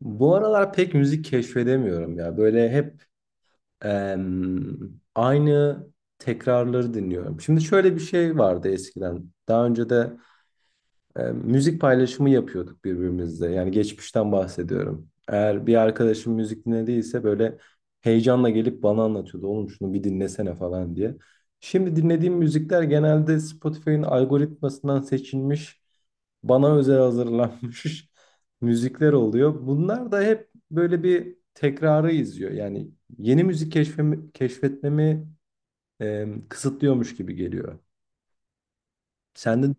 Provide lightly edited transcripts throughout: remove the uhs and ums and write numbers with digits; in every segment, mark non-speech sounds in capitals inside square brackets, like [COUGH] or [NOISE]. Bu aralar pek müzik keşfedemiyorum ya. Böyle hep aynı tekrarları dinliyorum. Şimdi şöyle bir şey vardı eskiden. Daha önce de müzik paylaşımı yapıyorduk birbirimizle. Yani geçmişten bahsediyorum. Eğer bir arkadaşım müzik dinlediyse böyle heyecanla gelip bana anlatıyordu. Oğlum şunu bir dinlesene falan diye. Şimdi dinlediğim müzikler genelde Spotify'ın algoritmasından seçilmiş, bana özel hazırlanmış [LAUGHS] müzikler oluyor. Bunlar da hep böyle bir tekrarı izliyor. Yani yeni keşfetmemi kısıtlıyormuş gibi geliyor. Sen de.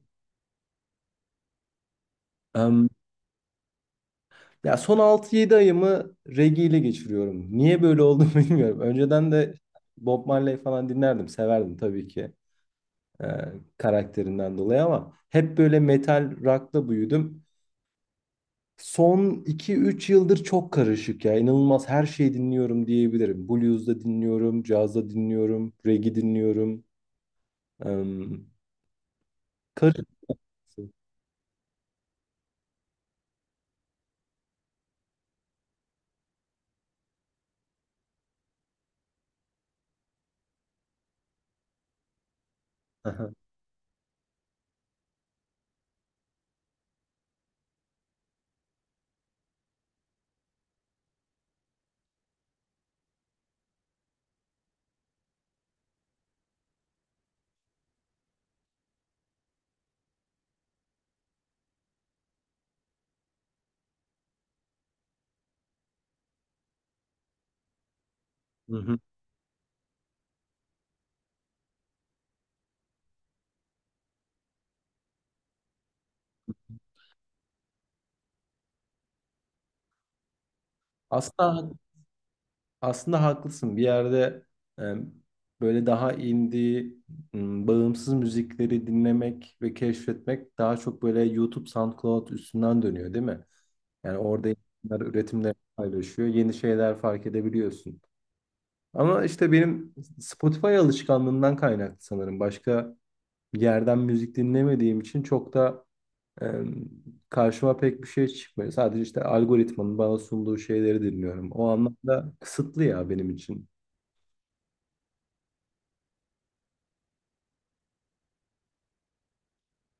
Ya son altı yedi ayımı reggae ile geçiriyorum. Niye böyle oldu [LAUGHS] bilmiyorum. Önceden de Bob Marley falan dinlerdim, severdim tabii ki, e, karakterinden dolayı ama hep böyle metal rock'la büyüdüm. Son iki üç yıldır çok karışık ya. İnanılmaz her şeyi dinliyorum diyebilirim. Blues da dinliyorum, caz da dinliyorum, reggae dinliyorum. Em, Karışık. [LAUGHS] Hı hı. Aslında Aslında haklısın. Bir yerde e, böyle daha indie, bağımsız müzikleri dinlemek ve keşfetmek daha çok böyle YouTube, SoundCloud üstünden dönüyor, değil mi? Yani orada insanlar üretimleri paylaşıyor, yeni şeyler fark edebiliyorsun. Ama işte benim Spotify alışkanlığından kaynaklı sanırım. Başka yerden müzik dinlemediğim için çok da e, karşıma pek bir şey çıkmıyor. Sadece işte algoritmanın bana sunduğu şeyleri dinliyorum. O anlamda kısıtlı ya benim için.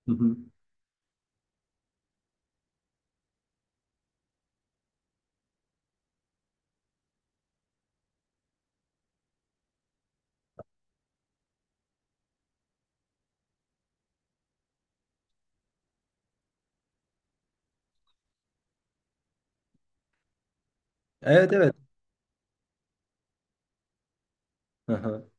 Hı hı. Evet, evet. Hı hı.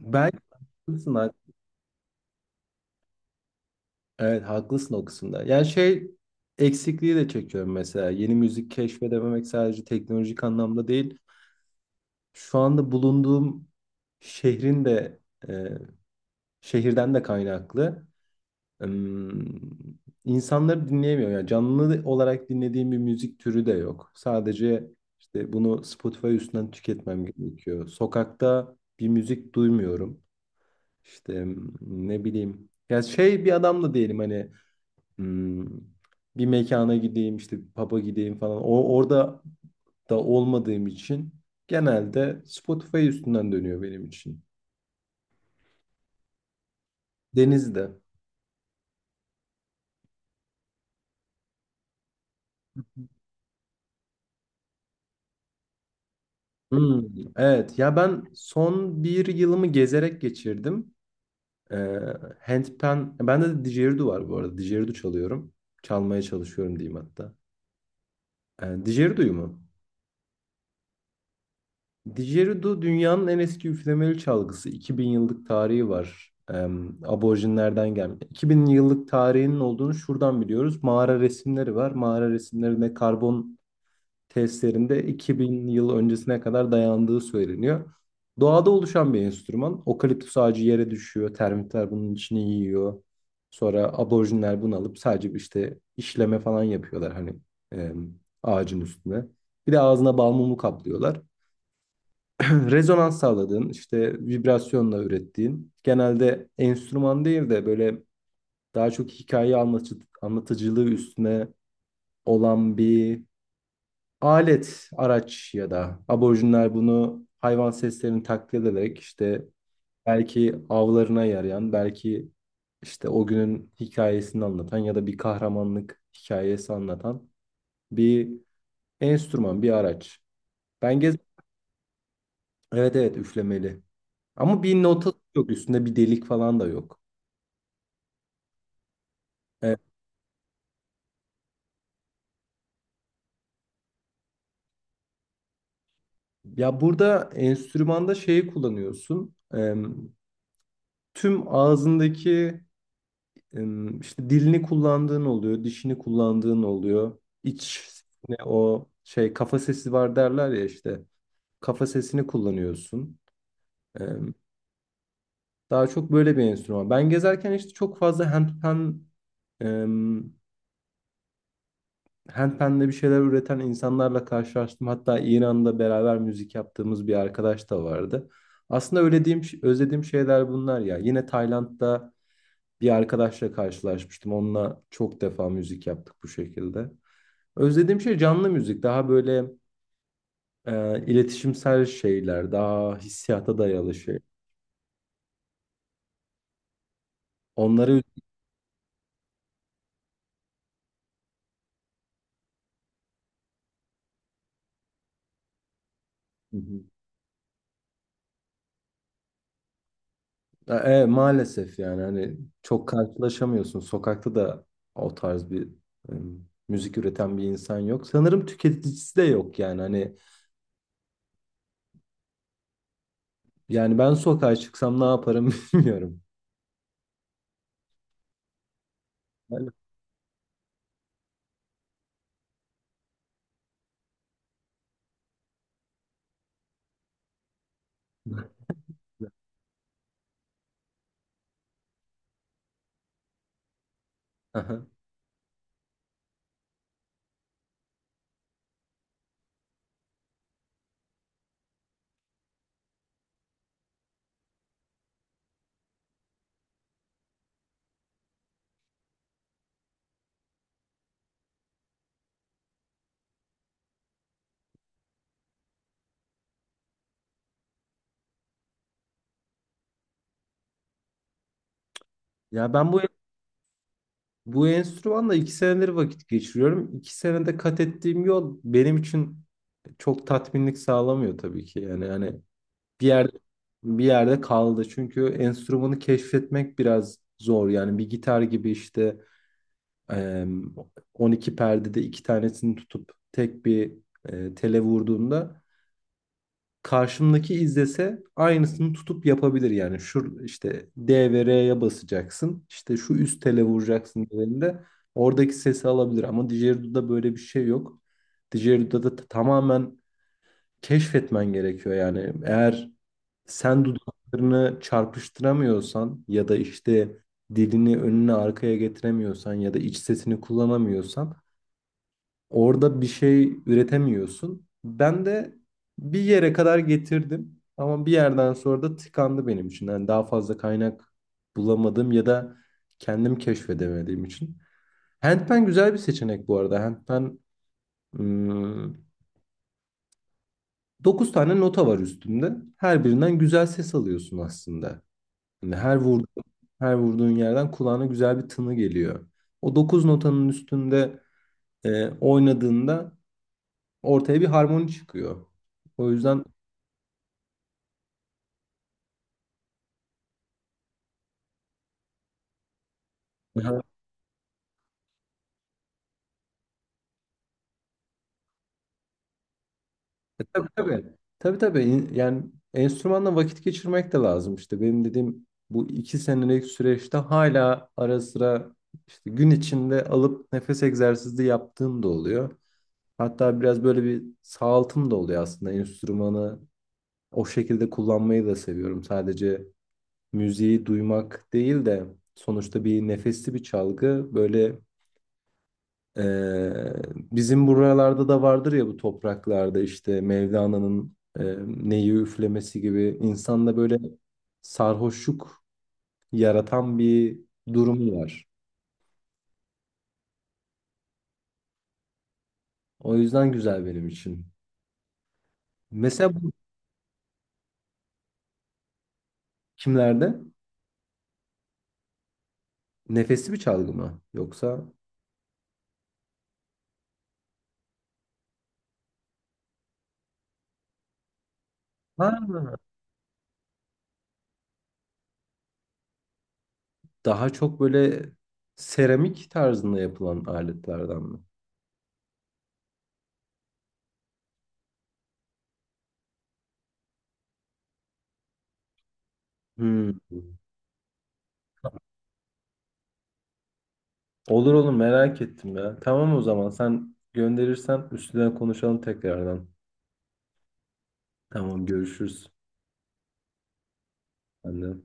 Belki haklısın. Evet, haklısın o kısımda. Yani şey eksikliği de çekiyorum mesela. Yeni müzik keşfedememek sadece teknolojik anlamda değil. Şu anda bulunduğum şehrin de e, şehirden de kaynaklı. Im, insanları dinleyemiyor. Yani canlı olarak dinlediğim bir müzik türü de yok. Sadece işte bunu Spotify üstünden tüketmem gerekiyor. Sokakta bir müzik duymuyorum. İşte ne bileyim. Ya şey bir adam da diyelim hani m, bir mekana gideyim işte bir pub'a gideyim falan. O orada da olmadığım için genelde Spotify üstünden dönüyor benim için. Denizde. Hmm, evet ya ben son bir yılımı gezerek geçirdim. Ee, Handpan, bende de didgeridoo var bu arada. Didgeridoo çalıyorum. Çalmaya çalışıyorum diyeyim hatta. Didgerido'yu mu? Didgeridoo dünyanın en eski üflemeli çalgısı. 2000 yıllık tarihi var. Aborjinlerden gelme. 2000 yıllık tarihinin olduğunu şuradan biliyoruz. Mağara resimleri var. Mağara resimlerinde karbon testlerinde 2000 yıl öncesine kadar dayandığı söyleniyor. Doğada oluşan bir enstrüman. Okaliptüs ağacı yere düşüyor. Termitler bunun içini yiyor. Sonra aborjinler bunu alıp sadece işte işleme falan yapıyorlar hani, em, ağacın üstüne. Bir de ağzına bal mumu kaplıyorlar. Rezonans sağladığın, işte vibrasyonla ürettiğin, genelde enstrüman değil de böyle daha çok hikaye anlatıcı, anlatıcılığı üstüne olan bir alet, araç ya da aborjinler bunu hayvan seslerini taklit ederek işte belki avlarına yarayan, belki işte o günün hikayesini anlatan ya da bir kahramanlık hikayesi anlatan bir enstrüman, bir araç. Ben gez Evet, evet, üflemeli. Ama bir notası yok. Üstünde bir delik falan da yok. E, Ya burada enstrümanda şeyi kullanıyorsun. Tüm ağzındaki e, işte dilini kullandığın oluyor, dişini kullandığın oluyor. İç Ne o şey, kafa sesi var derler ya işte. Kafa sesini kullanıyorsun. E, Daha çok böyle bir enstrüman. Ben gezerken işte çok fazla e, handpan'de bir şeyler üreten insanlarla karşılaştım. Hatta İran'da beraber müzik yaptığımız bir arkadaş da vardı. Aslında özlediğim şeyler bunlar ya. Yine Tayland'da bir arkadaşla karşılaşmıştım. Onunla çok defa müzik yaptık bu şekilde. Özlediğim şey canlı müzik. Daha böyle iletişimsel şeyler, daha hissiyata dayalı şey. Onları. Hı hı. Ya, Maalesef yani hani çok karşılaşamıyorsun. Sokakta da o tarz bir müzik üreten bir insan yok. Sanırım tüketicisi de yok yani hani, yani ben sokağa çıksam ne yaparım [LAUGHS] bilmiyorum. Yani. Aha. Ya ben bu Bu enstrümanla iki senedir vakit geçiriyorum. İki senede kat ettiğim yol benim için çok tatminlik sağlamıyor tabii ki. Yani hani bir yerde bir yerde kaldı. Çünkü enstrümanı keşfetmek biraz zor. Yani bir gitar gibi işte, Eee, 12 perdede iki tanesini tutup tek bir tele vurduğunda karşımdaki izlese aynısını tutup yapabilir yani. Şu işte D ve R'ye basacaksın, işte şu üst tele vuracaksın dediğinde oradaki sesi alabilir ama Digeridoo'da böyle bir şey yok. Digeridoo'da da tamamen keşfetmen gerekiyor yani. Eğer sen dudaklarını çarpıştıramıyorsan ya da işte dilini önüne arkaya getiremiyorsan ya da iç sesini kullanamıyorsan orada bir şey üretemiyorsun. Ben de bir yere kadar getirdim ama bir yerden sonra da tıkandı benim için. Yani daha fazla kaynak bulamadım ya da kendim keşfedemediğim için. Handpen güzel bir seçenek bu arada. Handpen, hmm, 9 tane nota var üstünde. Her birinden güzel ses alıyorsun aslında. Yani her vurduğun yerden kulağına güzel bir tını geliyor. O 9 notanın üstünde oynadığında ortaya bir harmoni çıkıyor. O yüzden. Aha. Tabii, tabii. Tabii, tabii. Yani enstrümanla vakit geçirmek de lazım. İşte benim dediğim bu iki senelik süreçte hala ara sıra işte gün içinde alıp nefes egzersizi yaptığım da oluyor. Hatta biraz böyle bir sağaltım da oluyor aslında. Enstrümanı o şekilde kullanmayı da seviyorum. Sadece müziği duymak değil de sonuçta bir nefesli bir çalgı böyle. Ee, Bizim buralarda da vardır ya bu topraklarda, işte Mevlana'nın neyi üflemesi gibi insanda böyle sarhoşluk yaratan bir durum var. O yüzden güzel benim için. Mesela bu kimlerde? Nefesli bir çalgı mı? Yoksa. Ha. Daha çok böyle seramik tarzında yapılan aletlerden mi? Hmm. Olur, olur, merak ettim ya. Tamam, o zaman sen gönderirsen üstüne konuşalım tekrardan. Tamam, görüşürüz. Ben de.